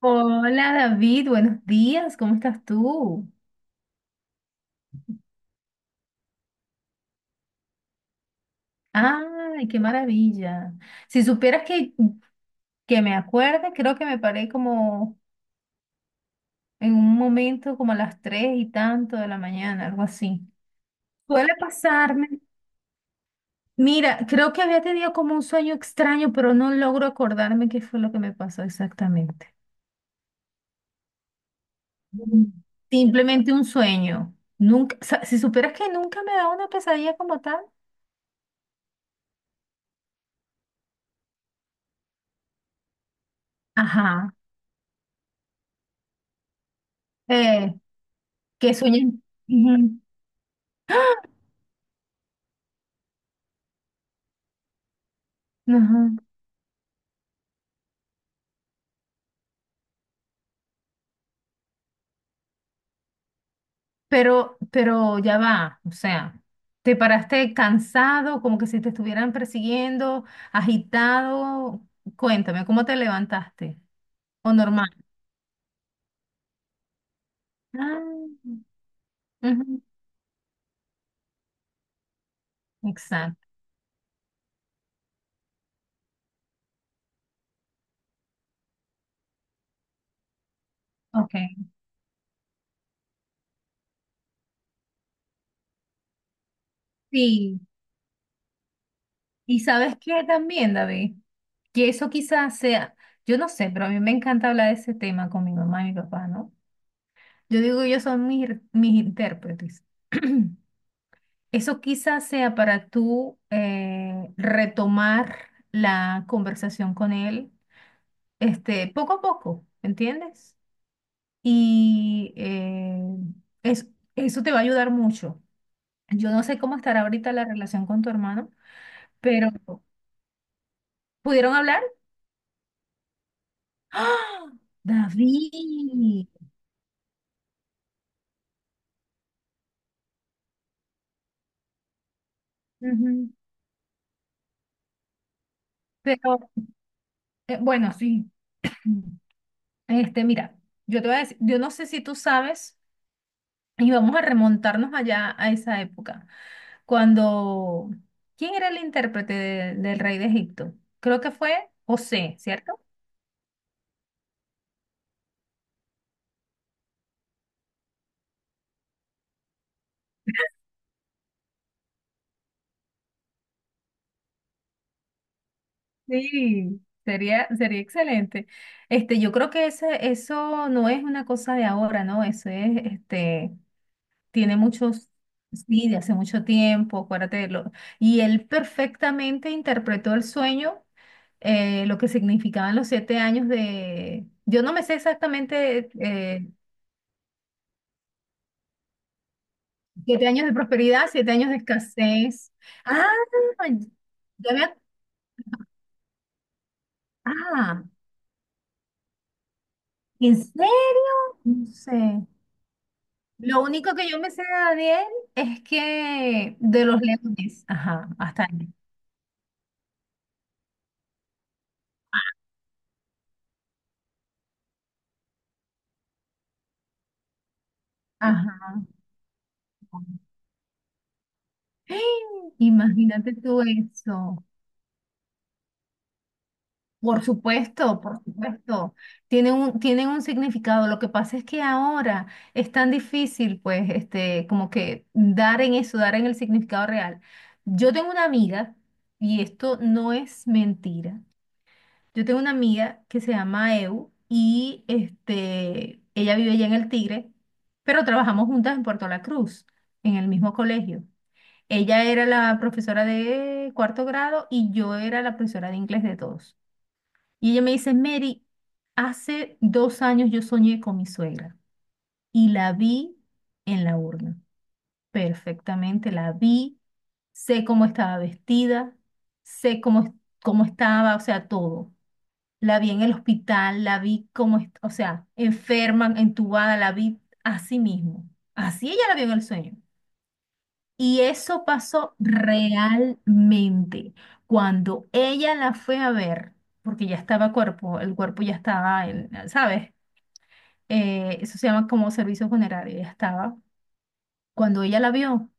Hola David, buenos días, ¿cómo estás tú? Ay, qué maravilla. Si supieras que me acuerde, creo que me paré como en un momento como a las 3 y tanto de la mañana, algo así. Suele pasarme. Mira, creo que había tenido como un sueño extraño, pero no logro acordarme qué fue lo que me pasó exactamente. Mm. Simplemente un sueño. Nunca, o sea, si supieras que nunca me da una pesadilla como tal. Ajá. Eh, que sueño. Ajá. Pero ya va, o sea, te paraste cansado, como que si te estuvieran persiguiendo, agitado. Cuéntame, ¿cómo te levantaste? ¿O normal? Ah. Ujú. Exacto. Ok. Sí. ¿Y sabes qué también, David? Que eso quizás sea, yo no sé, pero a mí me encanta hablar de ese tema con mi mamá y mi papá, ¿no? Yo digo, ellos son mis intérpretes. Eso quizás sea para tú retomar la conversación con él, este, poco a poco, ¿entiendes? Y es- eso te va a ayudar mucho. Yo no sé cómo estará ahorita la relación con tu hermano, pero ¿pudieron hablar? ¡Ah! David. Ujú. Pero bueno, sí. Este, mira, yo te voy a decir, yo no sé si tú sabes, y vamos a remontarnos allá a esa época. Cuando, ¿quién era el intérprete del rey de Egipto? Creo que fue José, ¿cierto? Sí. Sería excelente. Este, yo creo que eso no es una cosa de ahora, ¿no? Eso es, este, tiene muchos, sí, de hace mucho tiempo, acuérdate de lo. Y él perfectamente interpretó el sueño, lo que significaban los 7 años de. Yo no me sé exactamente 7 años de prosperidad, 7 años de escasez. Ah, ya me. Ah, ¿en serio? No sé. Lo único que yo me sé de Daniel es que de los leones. Ajá, hasta ahí. Ajá. ¡Ay! Imagínate tú eso. Por supuesto, por supuesto. Tienen un significado. Lo que pasa es que ahora es tan difícil, pues, este, como que dar en eso, dar en el significado real. Yo tengo una amiga, y esto no es mentira. Yo tengo una amiga que se llama Eu, y este, ella vive allá en El Tigre, pero trabajamos juntas en Puerto La Cruz, en el mismo colegio. Ella era la profesora de cuarto grado y yo era la profesora de inglés de todos. Y ella me dice, Mary, hace 2 años yo soñé con mi suegra y la vi en la urna. Perfectamente, la vi, sé cómo estaba vestida, sé cómo, cómo estaba, o sea, todo. La vi en el hospital, la vi como, o sea, enferma, entubada, la vi así mismo. Así ella la vio en el sueño. Y eso pasó realmente. Cuando ella la fue a ver, porque el cuerpo ya estaba en, ¿sabes? Eso se llama como servicio funerario, ya estaba. Cuando ella la vio,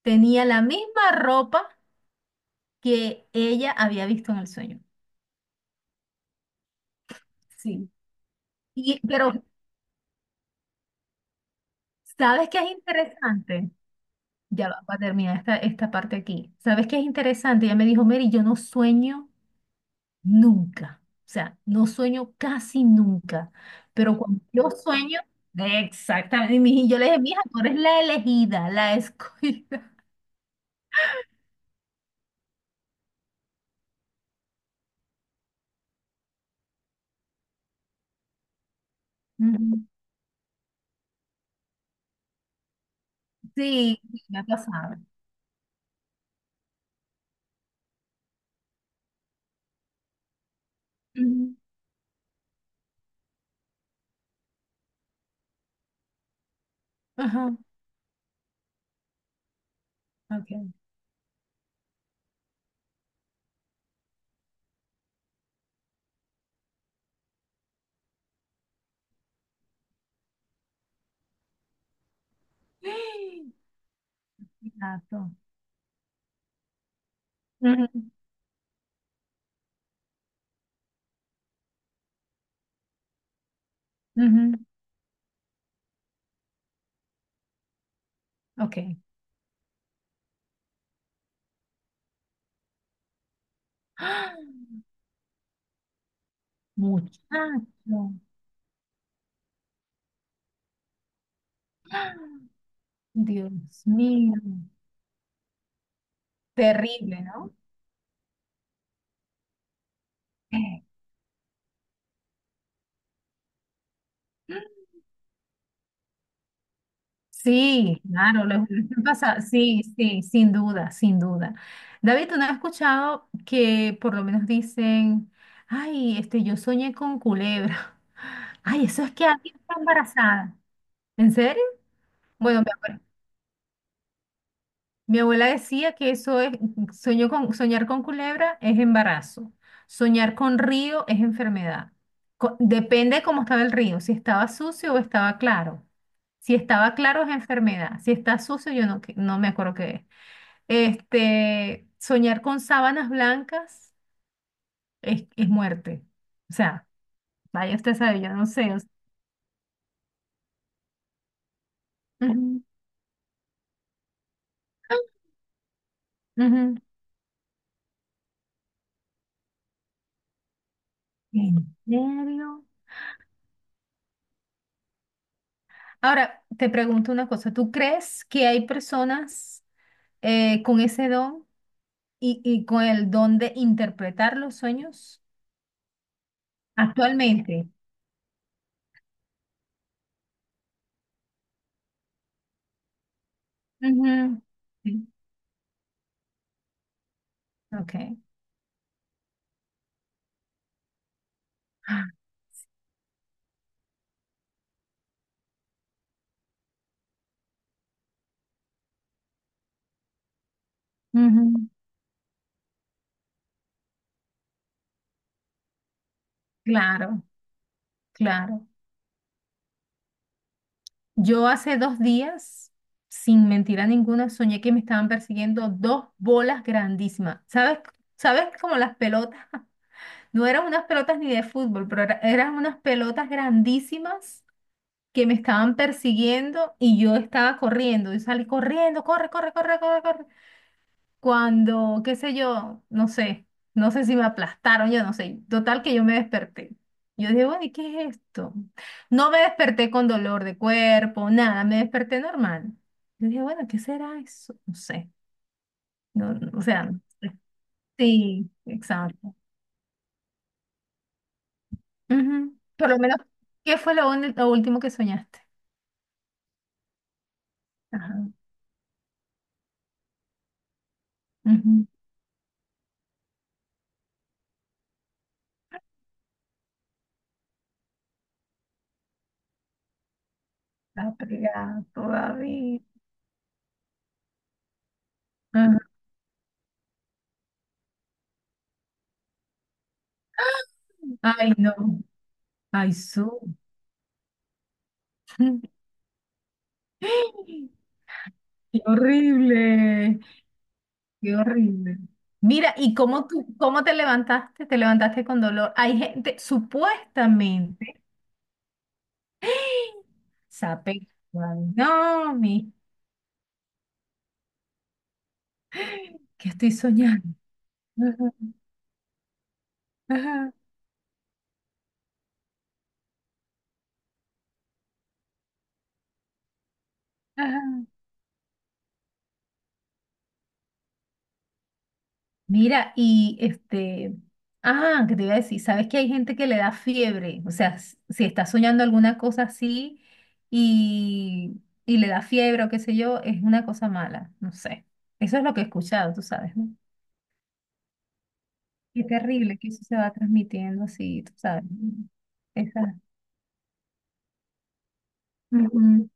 tenía la misma ropa que ella había visto en el sueño. Sí. Pero, ¿sabes qué es interesante? Ya va, va a terminar esta parte aquí. ¿Sabes qué es interesante? Ella me dijo, Mary, yo no sueño nunca. O sea, no sueño casi nunca. Pero cuando yo sueño, exactamente. Y yo le dije, mija, tú eres la elegida, la escogida. Ujú. Sí, me ha pasado. Ujú. Ajá, ok. Gato. Ujú, ujú. Ok. ¡Ah! Muchacho. ¡Ah! Dios mío. Terrible, ¿no? Sí, claro, los pasa, sí, sí, sin duda, sin duda. David, ¿tú no has escuchado que por lo menos dicen, ay, este, yo soñé con culebra? Ay, eso es que alguien está embarazada. ¿En serio? Bueno, me acuerdo. Mi abuela decía que eso es, sueño con, soñar con culebra es embarazo, soñar con río es enfermedad. Depende de cómo estaba el río, si estaba sucio o estaba claro. Si estaba claro es enfermedad, si está sucio yo no, no me acuerdo qué es. Este, soñar con sábanas blancas es muerte. O sea, vaya usted sabe, yo no sé. O sea, ujú, ujú. ¿En serio? Ahora, te pregunto una cosa, ¿tú crees que hay personas, con ese don y con el don de interpretar los sueños actualmente? Ujú. Sí, ok. Ah. Ujú. Claro, claro. Yo hace 2 días, sin mentira ninguna, soñé que me estaban persiguiendo dos bolas grandísimas. ¿Sabes? ¿Sabes como las pelotas? No eran unas pelotas ni de fútbol, pero eran unas pelotas grandísimas que me estaban persiguiendo y yo estaba corriendo. Yo salí corriendo, corre, corre, corre, corre, corre. Cuando, qué sé yo, no sé, no sé si me aplastaron, yo no sé. Total que yo me desperté. Yo dije, bueno, ¿y qué es esto? No me desperté con dolor de cuerpo, nada, me desperté normal. Yo dije, bueno, ¿qué será eso? No sé. No, no, o sea, no sé. Sí, exacto. Ujú. Por lo menos, ¿qué fue lo último que soñaste? Ajá. Ujú. La pegada todavía. Ajá. Ay, no. Ay, su. Qué horrible, qué horrible. Mira, ¿y cómo te levantaste? Te levantaste con dolor. Hay gente, supuestamente, sape. No, mi, que estoy soñando. Ajá, ajá, ajá. Mira, y este, ah, qué te iba a decir, sabes que hay gente que le da fiebre, o sea, si está soñando alguna cosa así y le da fiebre o qué sé yo, es una cosa mala, no sé. Eso es lo que he escuchado, tú sabes, ¿no? Qué terrible que eso se va transmitiendo así, tú sabes. Esa. Ujú.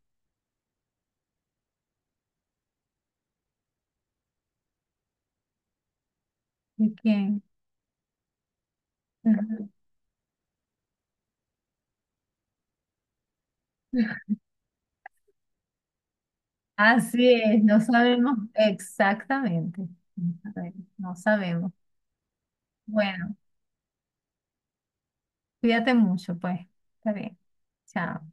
¿De quién? Ujú. Así es, no sabemos exactamente. No sabemos. No sabemos. Bueno, cuídate mucho, pues. Está bien. Chao.